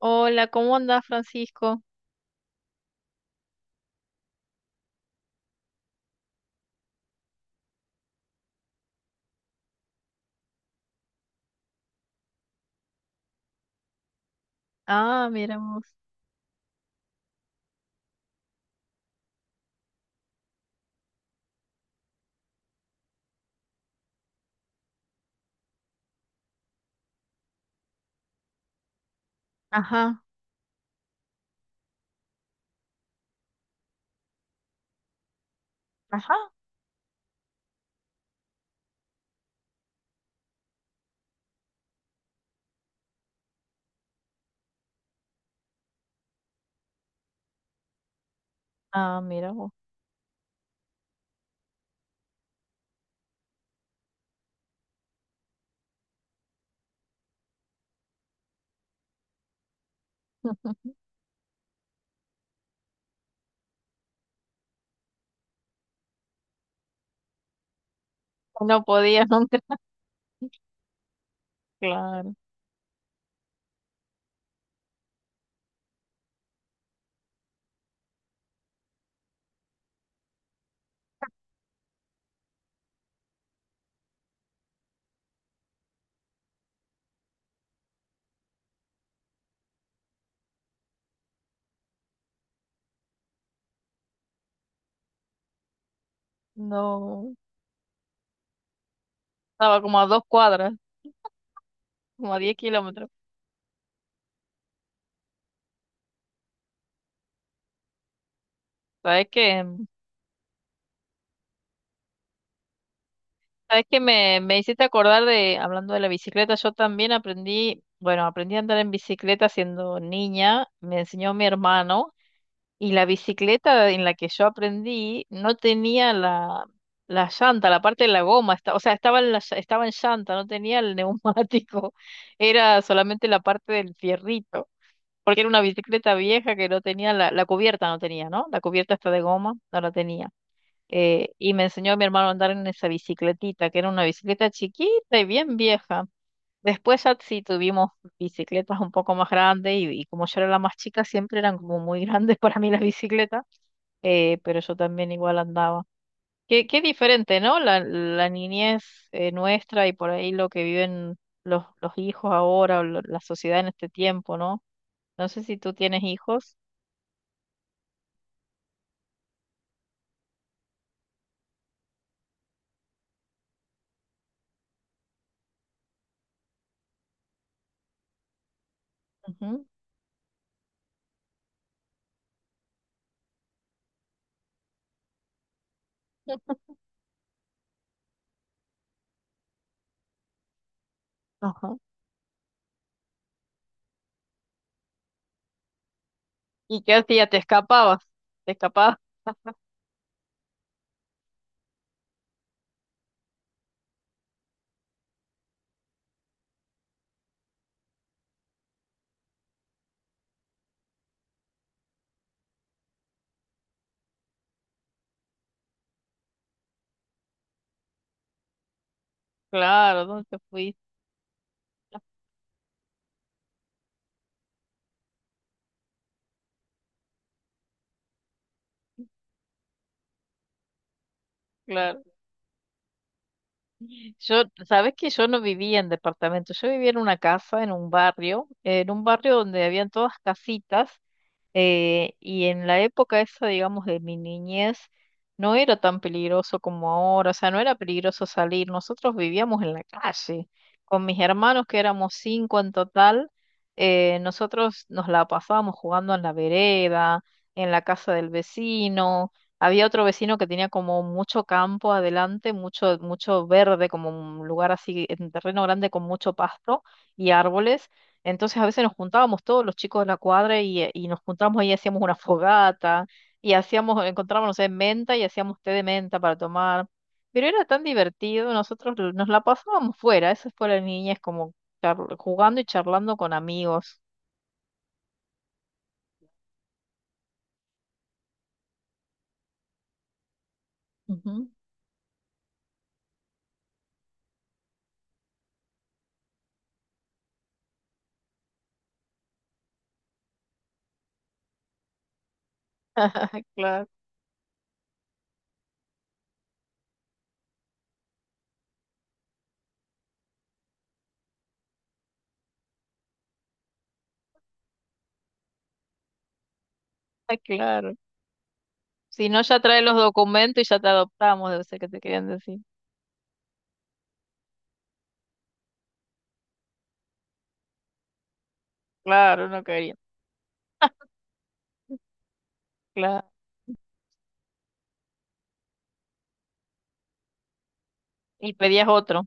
Hola, ¿cómo andas, Francisco? Ah, mira vos. Ajá. Ajá. Ah, mira vos. No podía, no, claro. No, estaba como a dos cuadras, como a 10 kilómetros. ¿Sabes qué? ¿Sabes qué? Me hiciste acordar de, hablando de la bicicleta, yo también aprendí, bueno, aprendí a andar en bicicleta siendo niña, me enseñó mi hermano. Y la bicicleta en la que yo aprendí no tenía la llanta, la parte de la goma, o sea, estaba en, estaba en llanta, no tenía el neumático, era solamente la parte del fierrito, porque era una bicicleta vieja que no tenía la cubierta, no tenía, ¿no? La cubierta está de goma, no la tenía. Y me enseñó a mi hermano a andar en esa bicicletita, que era una bicicleta chiquita y bien vieja. Después ya sí tuvimos bicicletas un poco más grandes y como yo era la más chica, siempre eran como muy grandes para mí las bicicletas, pero yo también igual andaba. Qué diferente, ¿no? La niñez nuestra y por ahí lo que viven los hijos ahora o la sociedad en este tiempo, ¿no? No sé si tú tienes hijos. Ujú. Ajá. ¿Y qué hacías? ¿Te escapabas? ¿Te escapabas? Claro, ¿dónde te fuiste? Claro. Yo, sabes que yo no vivía en departamento, yo vivía en una casa, en un barrio donde habían todas casitas. Y en la época esa, digamos, de mi niñez, no era tan peligroso como ahora, o sea, no era peligroso salir. Nosotros vivíamos en la calle. Con mis hermanos, que éramos cinco en total, nosotros nos la pasábamos jugando en la vereda, en la casa del vecino. Había otro vecino que tenía como mucho campo adelante, mucho, mucho verde, como un lugar así, en terreno grande con mucho pasto y árboles. Entonces a veces nos juntábamos todos los chicos de la cuadra y nos juntábamos ahí, hacíamos una fogata y hacíamos, encontrábamos, no sé, menta y hacíamos té de menta para tomar. Pero era tan divertido, nosotros nos la pasábamos fuera, eso fue la niñez, como jugando y charlando con amigos. Ujú. Claro. Ah, claro. Si no, ya trae los documentos y ya te adoptamos, debe ser que te querían decir. Claro, no quería. Claro. Y pedías otro.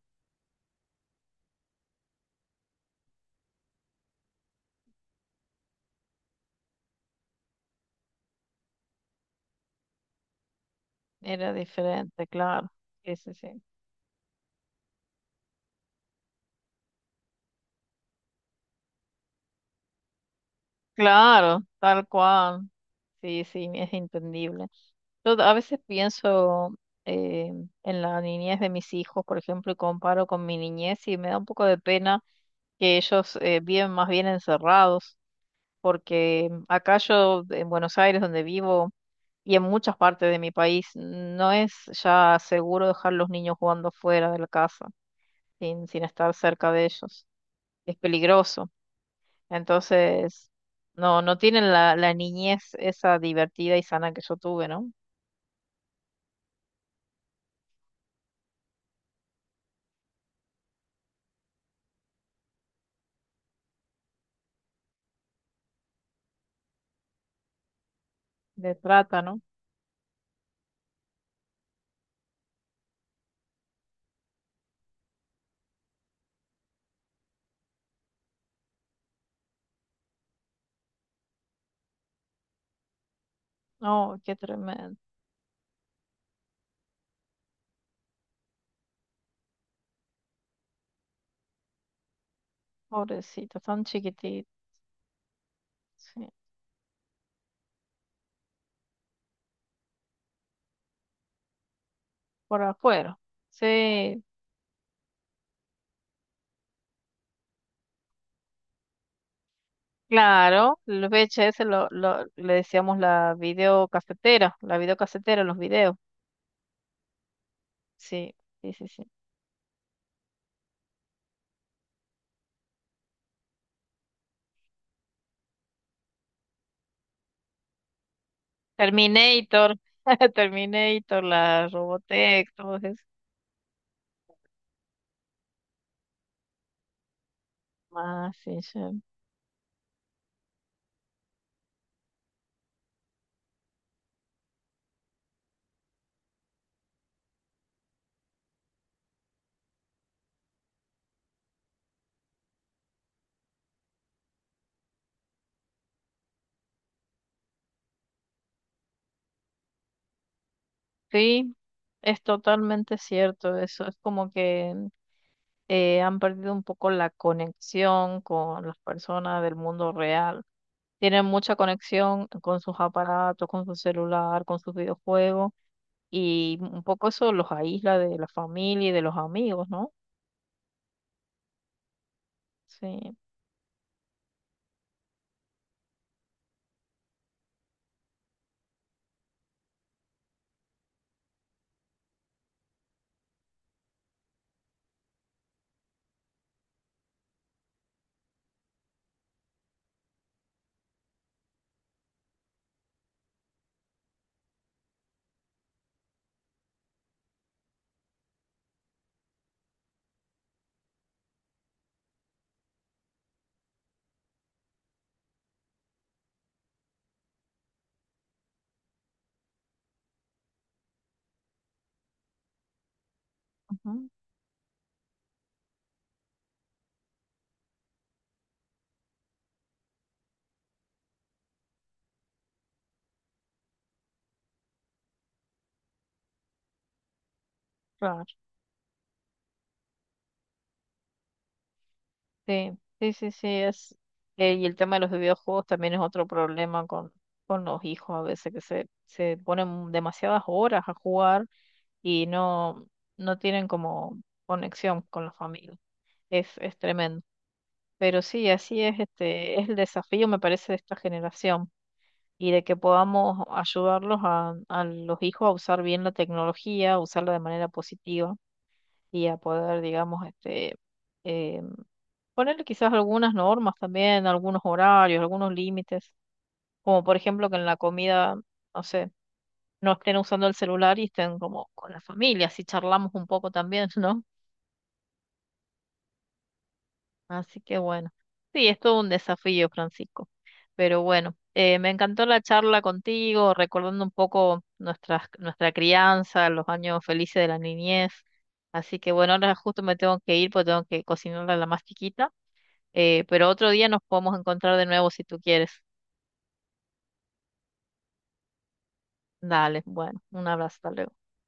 Era diferente, claro. Sí, sí, sí. Claro, tal cual. Sí, sí, es entendible. Yo a veces pienso eh, en la niñez de mis hijos, por ejemplo, y comparo con mi niñez y me da un poco de pena que ellos viven más bien encerrados, porque acá yo, en Buenos Aires, donde vivo, y en muchas partes de mi país, no es ya seguro dejar los niños jugando fuera de la casa, sin estar cerca de ellos. Es peligroso. Entonces, no tienen la niñez esa divertida y sana que yo tuve, ¿no? De trata, ¿no? No, qué tremendo. Pobrecito, tan chiquitito. Sí, por afuera. Sí, claro. Los VHS le decíamos la videocasetera, los videos. Sí, sí, sí, sí. Terminator, Terminator, la Robotech, todo eso. Ah, sí, sí. Sí, es totalmente cierto eso. Es como que han perdido un poco la conexión con las personas del mundo real. Tienen mucha conexión con sus aparatos, con su celular, con sus videojuegos y un poco eso los aísla de la familia y de los amigos, ¿no? Sí, ujú, claro. Sí, sí, sí, sí, es. Y el tema de los videojuegos también es otro problema con los hijos a veces que se ponen demasiadas horas a jugar y no, no tienen como conexión con la familia. Es tremendo. Pero sí, así es, este, es el desafío, me parece, de esta generación y de que podamos ayudarlos a los hijos a usar bien la tecnología, a usarla de manera positiva y a poder, digamos, este, eh, ponerle quizás algunas normas también, algunos horarios, algunos límites, como por ejemplo que en la comida, no sé, no estén usando el celular y estén como con la familia, si charlamos un poco también, ¿no? Así que bueno, sí, es todo un desafío, Francisco. Pero bueno, me encantó la charla contigo, recordando un poco nuestras, nuestra crianza, los años felices de la niñez. Así que bueno, ahora justo me tengo que ir porque tengo que cocinarle a la más chiquita. Pero otro día nos podemos encontrar de nuevo si tú quieres. Dale, bueno, un abrazo, hasta luego.